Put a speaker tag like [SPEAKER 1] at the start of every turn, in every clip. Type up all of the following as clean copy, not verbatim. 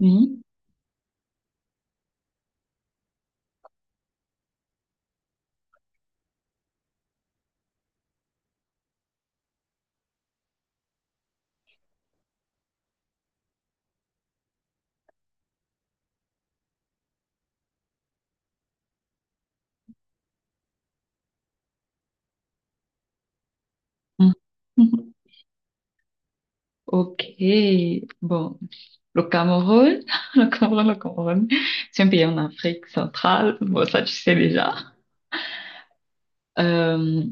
[SPEAKER 1] Oui. Mhm. Mhm. Ok. Bon, le Cameroun, le Cameroun, c'est un pays en Afrique centrale. Bon, ça, tu sais déjà. Euh,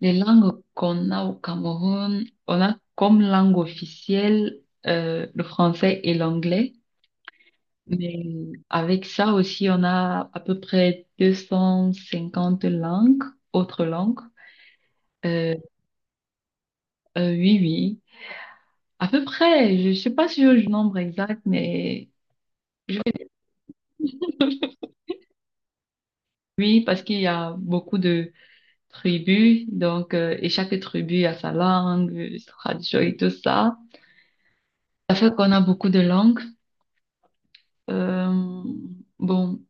[SPEAKER 1] les langues qu'on a au Cameroun, on a comme langue officielle le français et l'anglais. Mais avec ça aussi, on a à peu près 250 langues, autres langues. Euh, oui, oui. À peu près, je sais pas si j'ai le nombre exact, mais oui, parce qu'il y a beaucoup de tribus, donc et chaque tribu a sa langue, sa tradition et tout ça. Ça fait qu'on a beaucoup de langues. Euh, bon,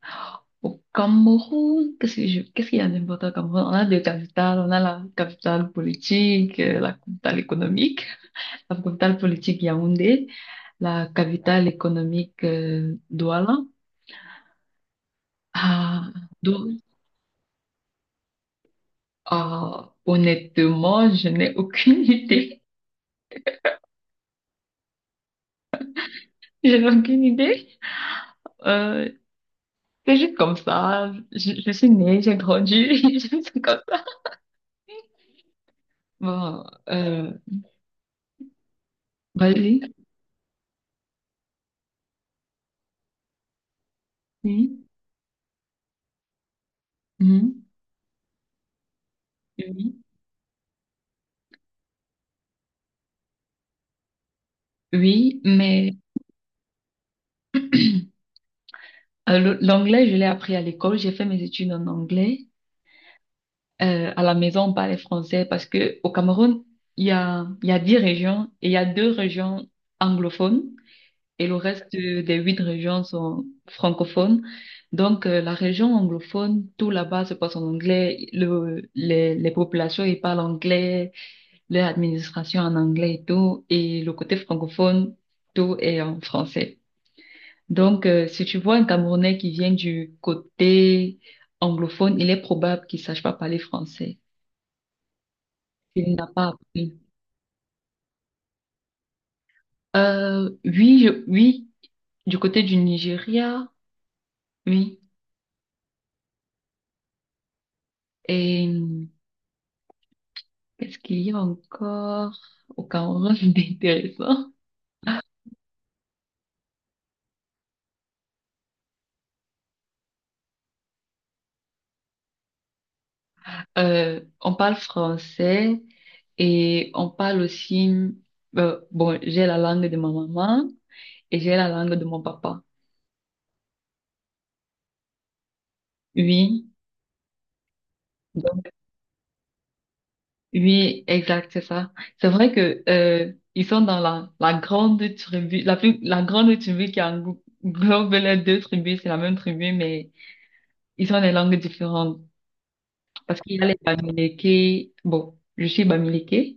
[SPEAKER 1] au Cameroun, qu'est-ce qu'il y a d'important au Cameroun? On a 2 capitales, on a la capitale politique, la capitale économique. La capitale politique, Yaoundé. La capitale économique, Douala. Ah, Dou- honnêtement, je n'ai aucune idée. Je n'ai aucune idée. Euh, c'est juste comme ça. Je suis née, j'ai grandi, c'est comme ça. Bon, euh, vas-y. Oui, oui, mhm, oui, oui, mais l'anglais, je l'ai appris à l'école. J'ai fait mes études en anglais. À la maison, on parlait français parce que au Cameroun, il y a 10 régions et il y a 2 régions anglophones. Et le reste des 8 régions sont francophones. Donc, la région anglophone, tout là-bas se passe en anglais. Les populations, ils parlent anglais, leur administration en anglais et tout. Et le côté francophone, tout est en français. Donc, si tu vois un Camerounais qui vient du côté anglophone, il est probable qu'il sache pas parler français. Il n'a pas appris. Oui, du côté du Nigeria, oui. Et qu'est-ce qu'il y a encore au Cameroun d'intéressant? On parle français et on parle aussi, bon, j'ai la langue de ma maman et j'ai la langue de mon papa. Oui, donc, oui, exact, c'est ça. C'est vrai que, ils sont dans la grande tribu, la grande tribu qui englobe les 2 tribus, c'est la même tribu, mais ils ont des langues différentes. Parce qu'il y a les Bamileke, bon, je suis Bamileke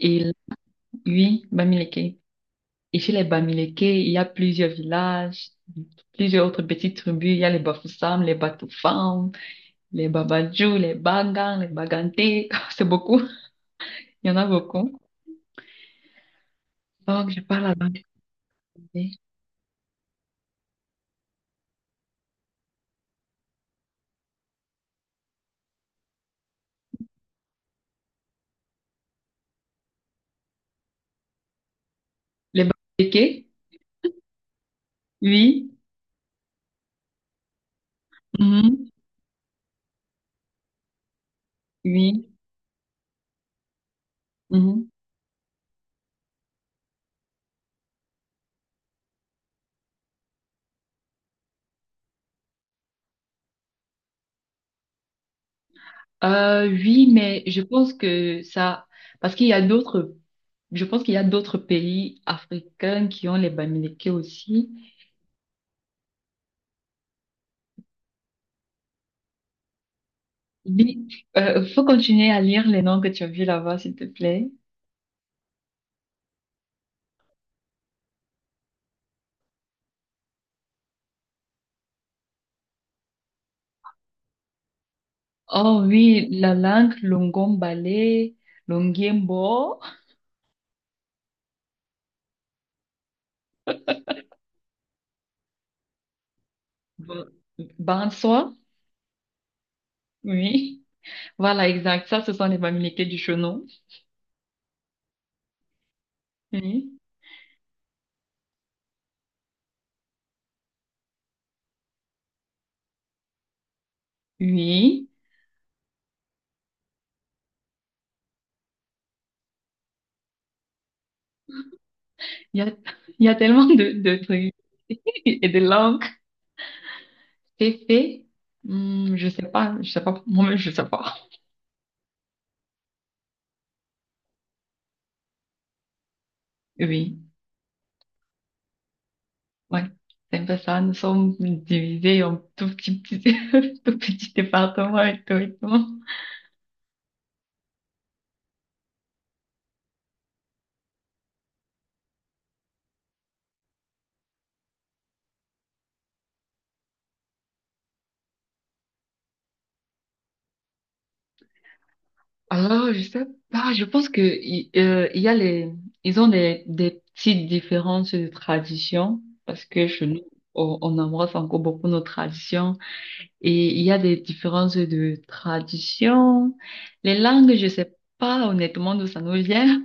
[SPEAKER 1] et oui, Bamileke. Et chez les Bamileke, il y a plusieurs villages, plusieurs autres petites tribus. Il y a les Bafoussam, les Batoufam, les Babadjou, les Bagan, les Baganté. C'est beaucoup. Il y en a beaucoup. Donc, je parle la langue. Bamileke. Les Bamileke? Oui. Mhm. Oui. Mhm. Oui, mais je pense que ça, parce qu'il y a d'autres, je pense qu'il y a d'autres pays africains qui ont les Bamileke aussi. Oui, faut continuer à lire les noms que tu as vus là-bas, s'il te plaît. Oh oui, la langue Longombale, Longiembo, Ba- Banswa, oui. Voilà, exact. Ça, ce sont les familiers du chenon. Oui, oui. Il y a, il y a tellement de trucs et de langues. Féfé, hmm, je sais pas, moi-même, je sais pas. Oui. Ouais, c'est un peu ça. Nous sommes divisés en tout petit, petit, tout petit département et tout et tout. Alors, je sais pas, je pense que il y a les, ils ont des petites différences de tradition parce que chez nous, on embrasse encore beaucoup nos traditions et il y a des différences de tradition. Les langues, je sais pas honnêtement d'où ça nous vient.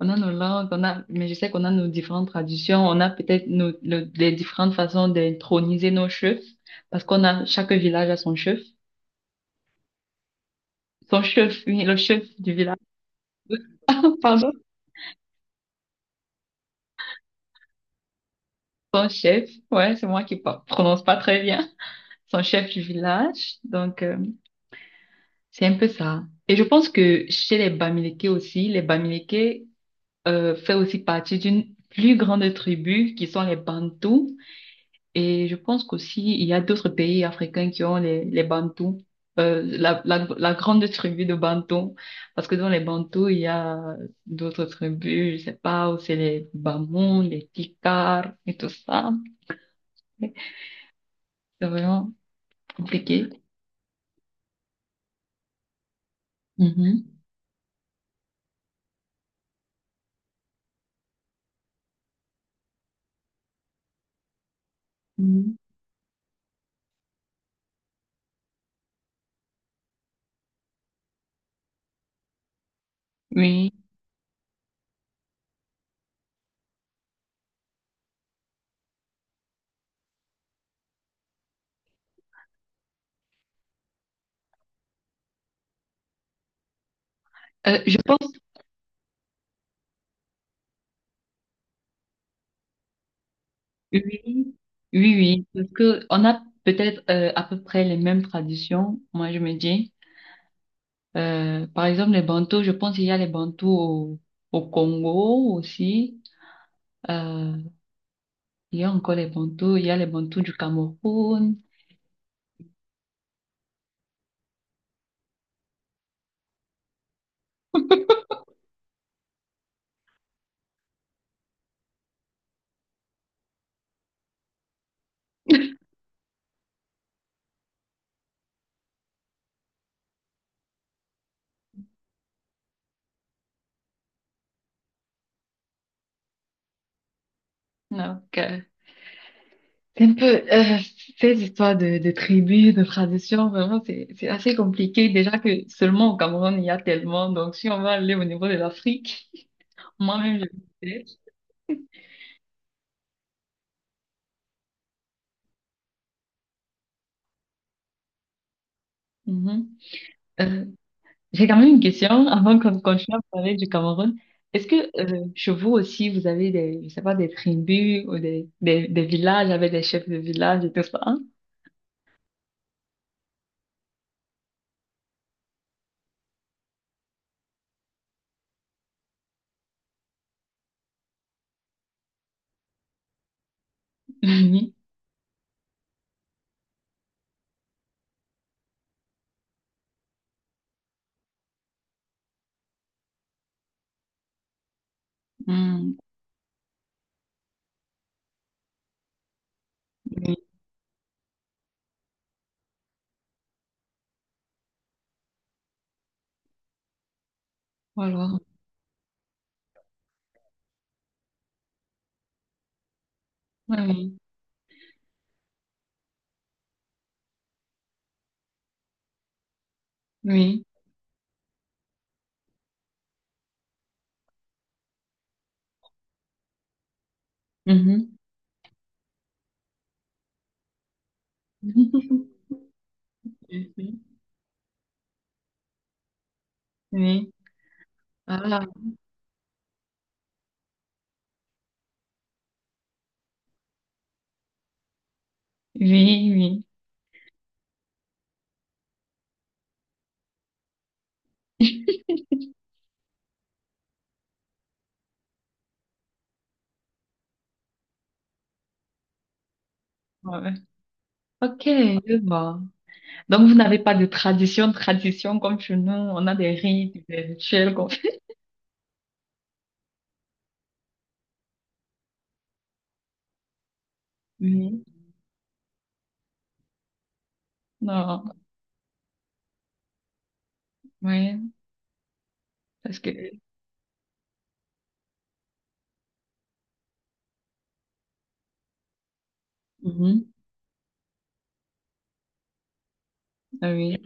[SPEAKER 1] On a nos langues, on a, mais je sais qu'on a nos différentes traditions, on a peut-être nos, les différentes façons d'introniser nos chefs, parce qu'on a, chaque village a son chef, oui, le chef du village. Ah, pardon, son chef, ouais, c'est moi qui prononce pas très bien, son chef du village, donc c'est un peu ça. Et je pense que chez les Bamileke aussi, les Bamileke fait aussi partie d'une plus grande tribu qui sont les Bantous. Et je pense qu'aussi, il y a d'autres pays africains qui ont les Bantous, la grande tribu de Bantous. Parce que dans les Bantous, il y a d'autres tribus, je sais pas, où c'est les Bamouns, les Tikars et tout ça. C'est vraiment compliqué. Mhm. Mhm. Oui. Je pense, oui, oui, oui. Parce que on a peut-être à peu près les mêmes traditions, moi je me dis. Par exemple, les bantous, je pense qu'il y a les bantous au Congo aussi. Euh, il y a encore les bantous, il y a les bantous du Cameroun. Donc, c'est un peu ces histoires de tribus, de traditions, vraiment, c'est assez compliqué. Déjà que seulement au Cameroun, il y a tellement. Donc, si on va aller au niveau de l'Afrique, moi-même, je vais. J'ai quand même une question avant qu'on continue à parler du Cameroun. Est-ce que chez vous aussi, vous avez des, je sais pas, des tribus ou des villages avec des chefs de village et tout ça? Hein? Oui. Mm. Oui. Alors, oui. Oui. Mhm. Oui. Oui. Ah. Oui, oui. Ouais. Ok, je vois. Donc, vous n'avez pas de tradition, tradition comme chez nous. On a des rites, des rituels qu'on fait. Oui. Non, oui, parce que... Mhm. Ah oui.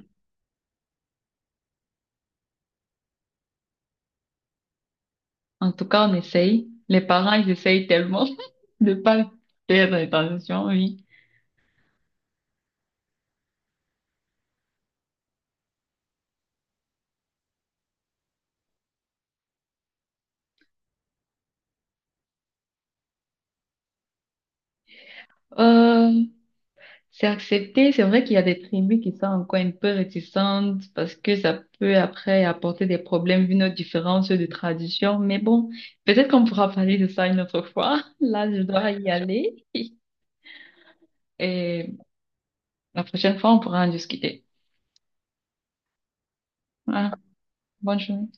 [SPEAKER 1] En tout cas, on essaye. Les parents, ils essayent tellement de pas perdre l'attention, oui. Euh, c'est accepté. C'est vrai qu'il y a des tribus qui sont encore un peu réticentes parce que ça peut après apporter des problèmes vu nos différences de tradition. Mais bon, peut-être qu'on pourra parler de ça une autre fois. Là, je dois y aller. Et la prochaine fois, on pourra en discuter. Voilà. Bonne journée.